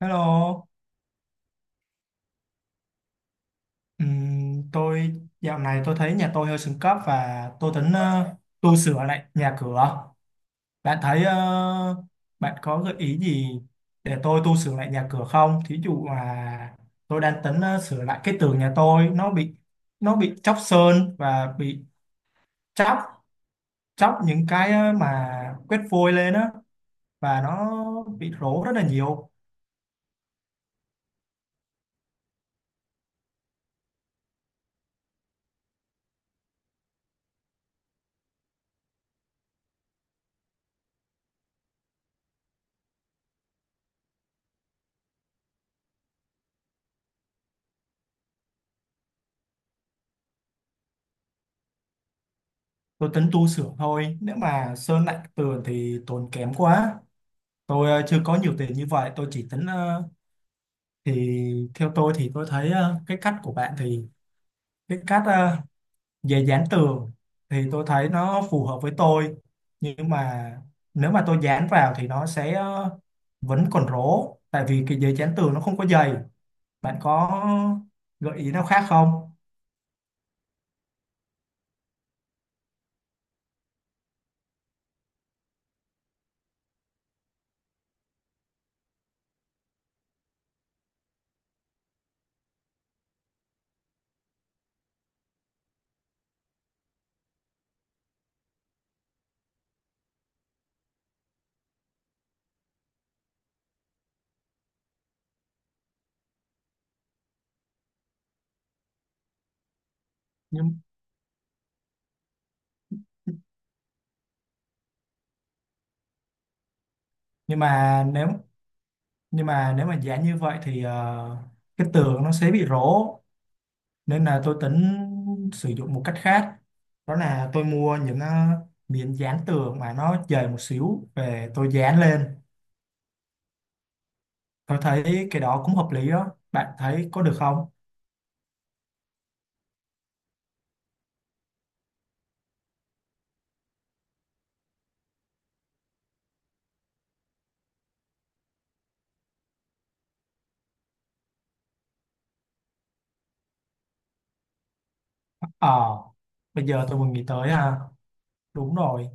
Hello. Tôi dạo này tôi thấy nhà tôi hơi xuống cấp và tôi tính tu sửa lại nhà cửa. Bạn thấy bạn có gợi ý gì để tôi tu sửa lại nhà cửa không? Thí dụ là tôi đang tính sửa lại cái tường nhà tôi nó bị chóc sơn và bị chóc chóc những cái mà quét vôi lên á, và nó bị rỗ rất là nhiều. Tôi tính tu sửa thôi. Nếu mà sơn lại tường thì tốn kém quá. Tôi chưa có nhiều tiền như vậy, tôi chỉ tính thì theo tôi thì tôi thấy cái cách của bạn thì cái cách về dán tường thì tôi thấy nó phù hợp với tôi. Nhưng mà nếu mà tôi dán vào thì nó sẽ vẫn còn rỗ tại vì cái giấy dán tường nó không có dày. Bạn có gợi ý nào khác không? Nhưng nhưng mà nếu nhưng mà nếu mà dán như vậy thì cái tường nó sẽ bị rỗ, nên là tôi tính sử dụng một cách khác, đó là tôi mua những miếng dán tường mà nó dày một xíu về tôi dán lên. Tôi thấy cái đó cũng hợp lý đó, bạn thấy có được không? Ờ, bây giờ tôi vừa nghĩ tới. À, đúng rồi.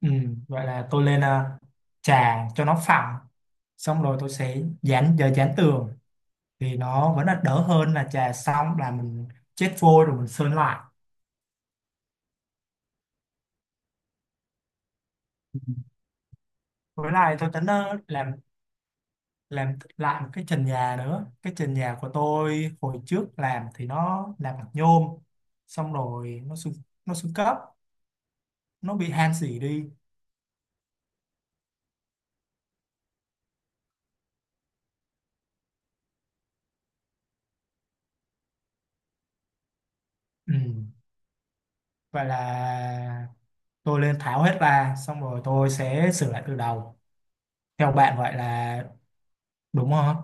Ừ, vậy là tôi lên à, trà cho nó phẳng xong rồi tôi sẽ dán giờ dán tường thì nó vẫn là đỡ hơn là trà xong là mình chết vôi rồi mình sơn lại. Ừ, với lại tôi tính làm lại một cái trần nhà nữa. Cái trần nhà của tôi hồi trước làm thì nó làm bằng nhôm, xong rồi nó xuống cấp, nó bị han xỉ đi. Ừ, và là tôi lên tháo hết ra xong rồi tôi sẽ sửa lại từ đầu, theo bạn vậy là đúng không?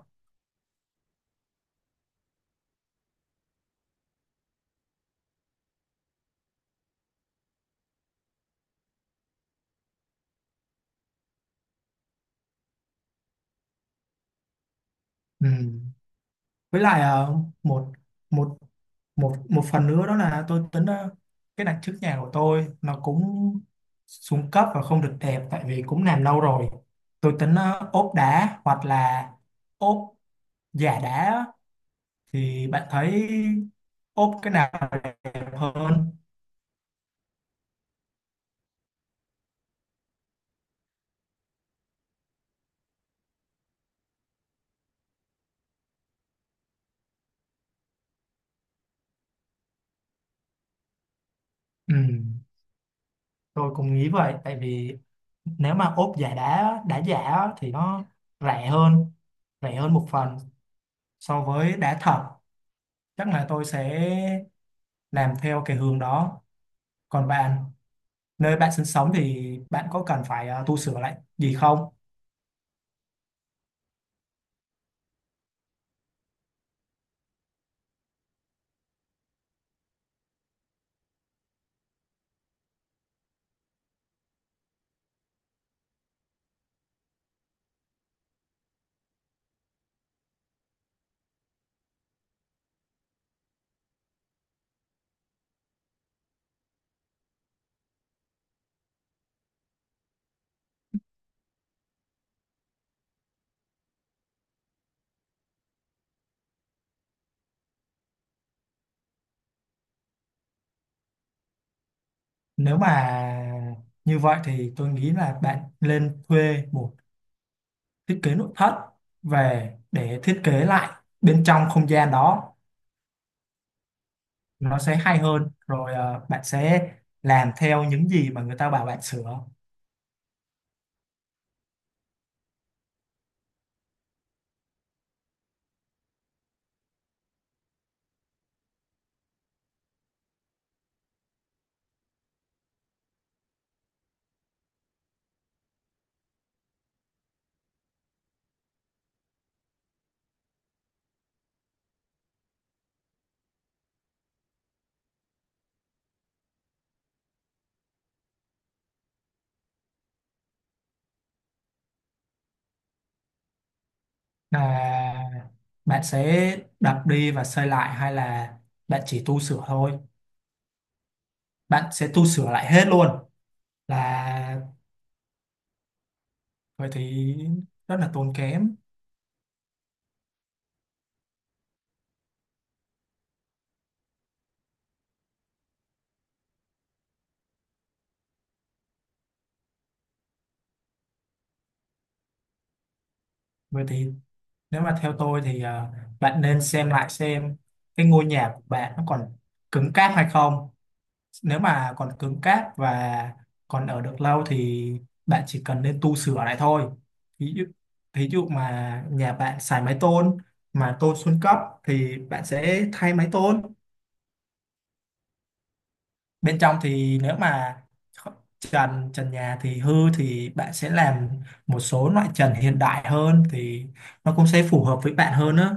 Ừ, với lại một một một một phần nữa, đó là tôi tính cái đằng trước nhà của tôi nó cũng xuống cấp và không được đẹp tại vì cũng làm lâu rồi. Tôi tính ốp đá hoặc là ốp giả đá á. Thì bạn thấy ốp cái nào đẹp hơn? Ừ, tôi cũng nghĩ vậy tại vì nếu mà ốp giả đá đá giả á, thì nó rẻ hơn, rẻ hơn một phần so với đá thật. Chắc là tôi sẽ làm theo cái hướng đó. Còn bạn, nơi bạn sinh sống thì bạn có cần phải tu sửa lại gì không? Nếu mà như vậy thì tôi nghĩ là bạn nên thuê một thiết kế nội thất về để thiết kế lại bên trong không gian đó, nó sẽ hay hơn. Rồi bạn sẽ làm theo những gì mà người ta bảo bạn sửa. Là bạn sẽ đập đi và xây lại hay là bạn chỉ tu sửa thôi? Bạn sẽ tu sửa lại hết luôn? Là vậy thì rất là tốn kém. Vậy thì nếu mà theo tôi thì bạn nên xem lại xem cái ngôi nhà của bạn nó còn cứng cáp hay không. Nếu mà còn cứng cáp và còn ở được lâu thì bạn chỉ cần nên tu sửa lại thôi. Ví dụ, ví dụ mà nhà bạn xài mái tôn mà tôn xuống cấp thì bạn sẽ thay mái tôn. Bên trong thì nếu mà trần trần nhà thì hư thì bạn sẽ làm một số loại trần hiện đại hơn thì nó cũng sẽ phù hợp với bạn hơn á.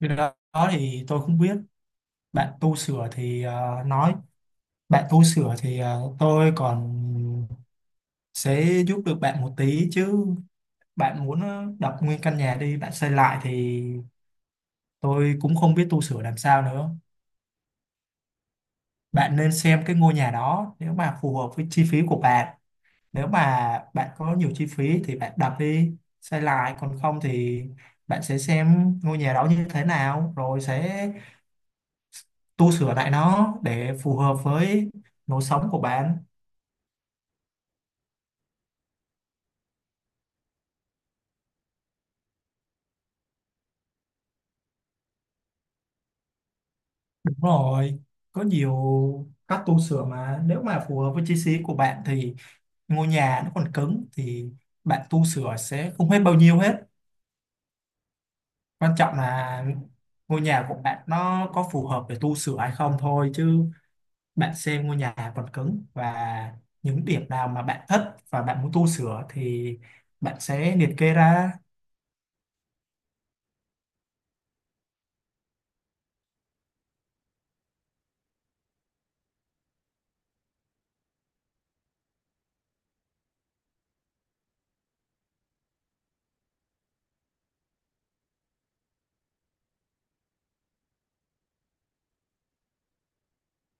Cái đó đó thì tôi không biết. Bạn tu sửa thì nói bạn tu sửa thì tôi còn sẽ giúp được bạn một tí chứ bạn muốn đập nguyên căn nhà đi bạn xây lại thì tôi cũng không biết tu sửa làm sao nữa. Bạn nên xem cái ngôi nhà đó nếu mà phù hợp với chi phí của bạn. Nếu mà bạn có nhiều chi phí thì bạn đập đi xây lại, còn không thì bạn sẽ xem ngôi nhà đó như thế nào rồi sẽ tu sửa lại nó để phù hợp với lối sống của bạn. Đúng rồi, có nhiều cách tu sửa mà nếu mà phù hợp với chi phí của bạn thì ngôi nhà nó còn cứng thì bạn tu sửa sẽ không hết bao nhiêu hết. Quan trọng là ngôi nhà của bạn nó có phù hợp để tu sửa hay không thôi, chứ bạn xem ngôi nhà còn cứng và những điểm nào mà bạn thích và bạn muốn tu sửa thì bạn sẽ liệt kê ra.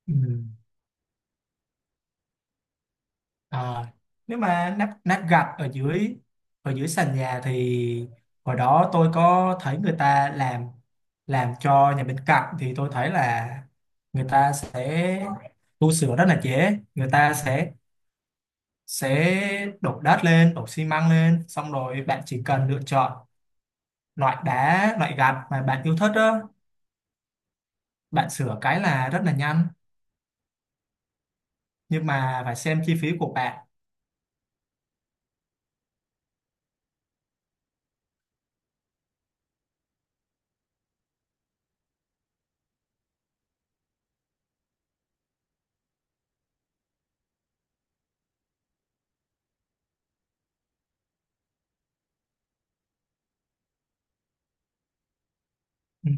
Ừ. Ờ, nếu mà nắp nắp gạch ở dưới, ở dưới sàn nhà thì hồi đó tôi có thấy người ta làm cho nhà bên cạnh thì tôi thấy là người ta sẽ tu sửa rất là dễ. Người ta sẽ đổ đất lên đổ xi măng lên xong rồi bạn chỉ cần lựa chọn loại đá loại gạch mà bạn yêu thích đó, bạn sửa cái là rất là nhanh. Nhưng mà phải xem chi phí của bạn. Ừ,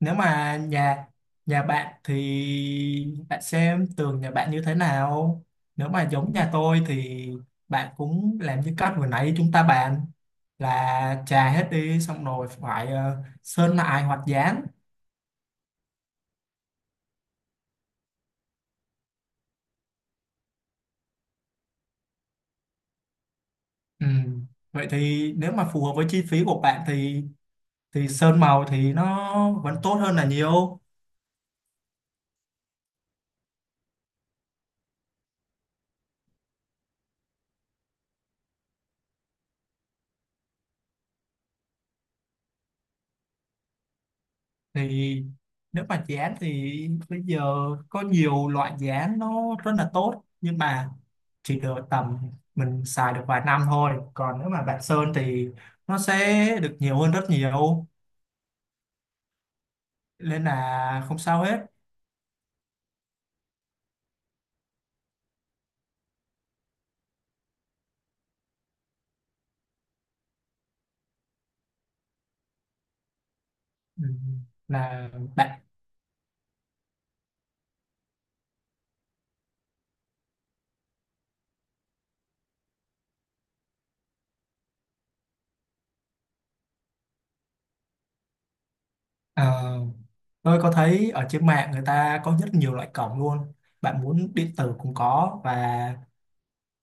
nếu mà nhà nhà bạn thì bạn xem tường nhà bạn như thế nào. Nếu mà giống nhà tôi thì bạn cũng làm như cách vừa nãy chúng ta bàn, là chà hết đi xong rồi phải sơn lại hoặc dán. Ừ, vậy thì nếu mà phù hợp với chi phí của bạn thì sơn màu thì nó vẫn tốt hơn là nhiều. Thì nếu mà dự án thì bây giờ có nhiều loại dự án nó rất là tốt nhưng mà chỉ được tầm mình xài được vài năm thôi. Còn nếu mà bạn sơn thì nó sẽ được nhiều hơn rất nhiều, nên là không sao hết. Ừ, là bạn ờ, tôi có thấy ở trên mạng người ta có rất nhiều loại cổng luôn. Bạn muốn điện tử cũng có và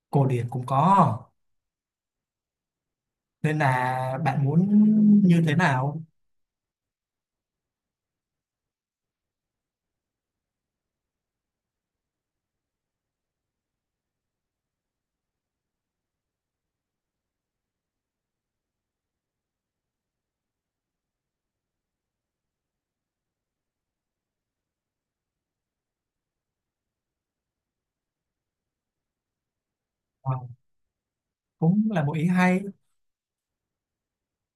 cổ điển cũng có, nên là bạn muốn như thế nào? Ờ, cũng là một ý hay.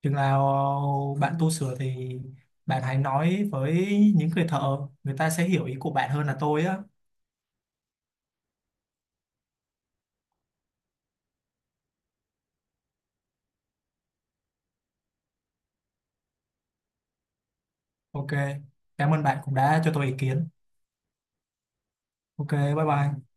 Chừng nào bạn tu sửa thì bạn hãy nói với những người thợ, người ta sẽ hiểu ý của bạn hơn là tôi á. Ok, cảm ơn bạn cũng đã cho tôi ý kiến. Ok, bye bye.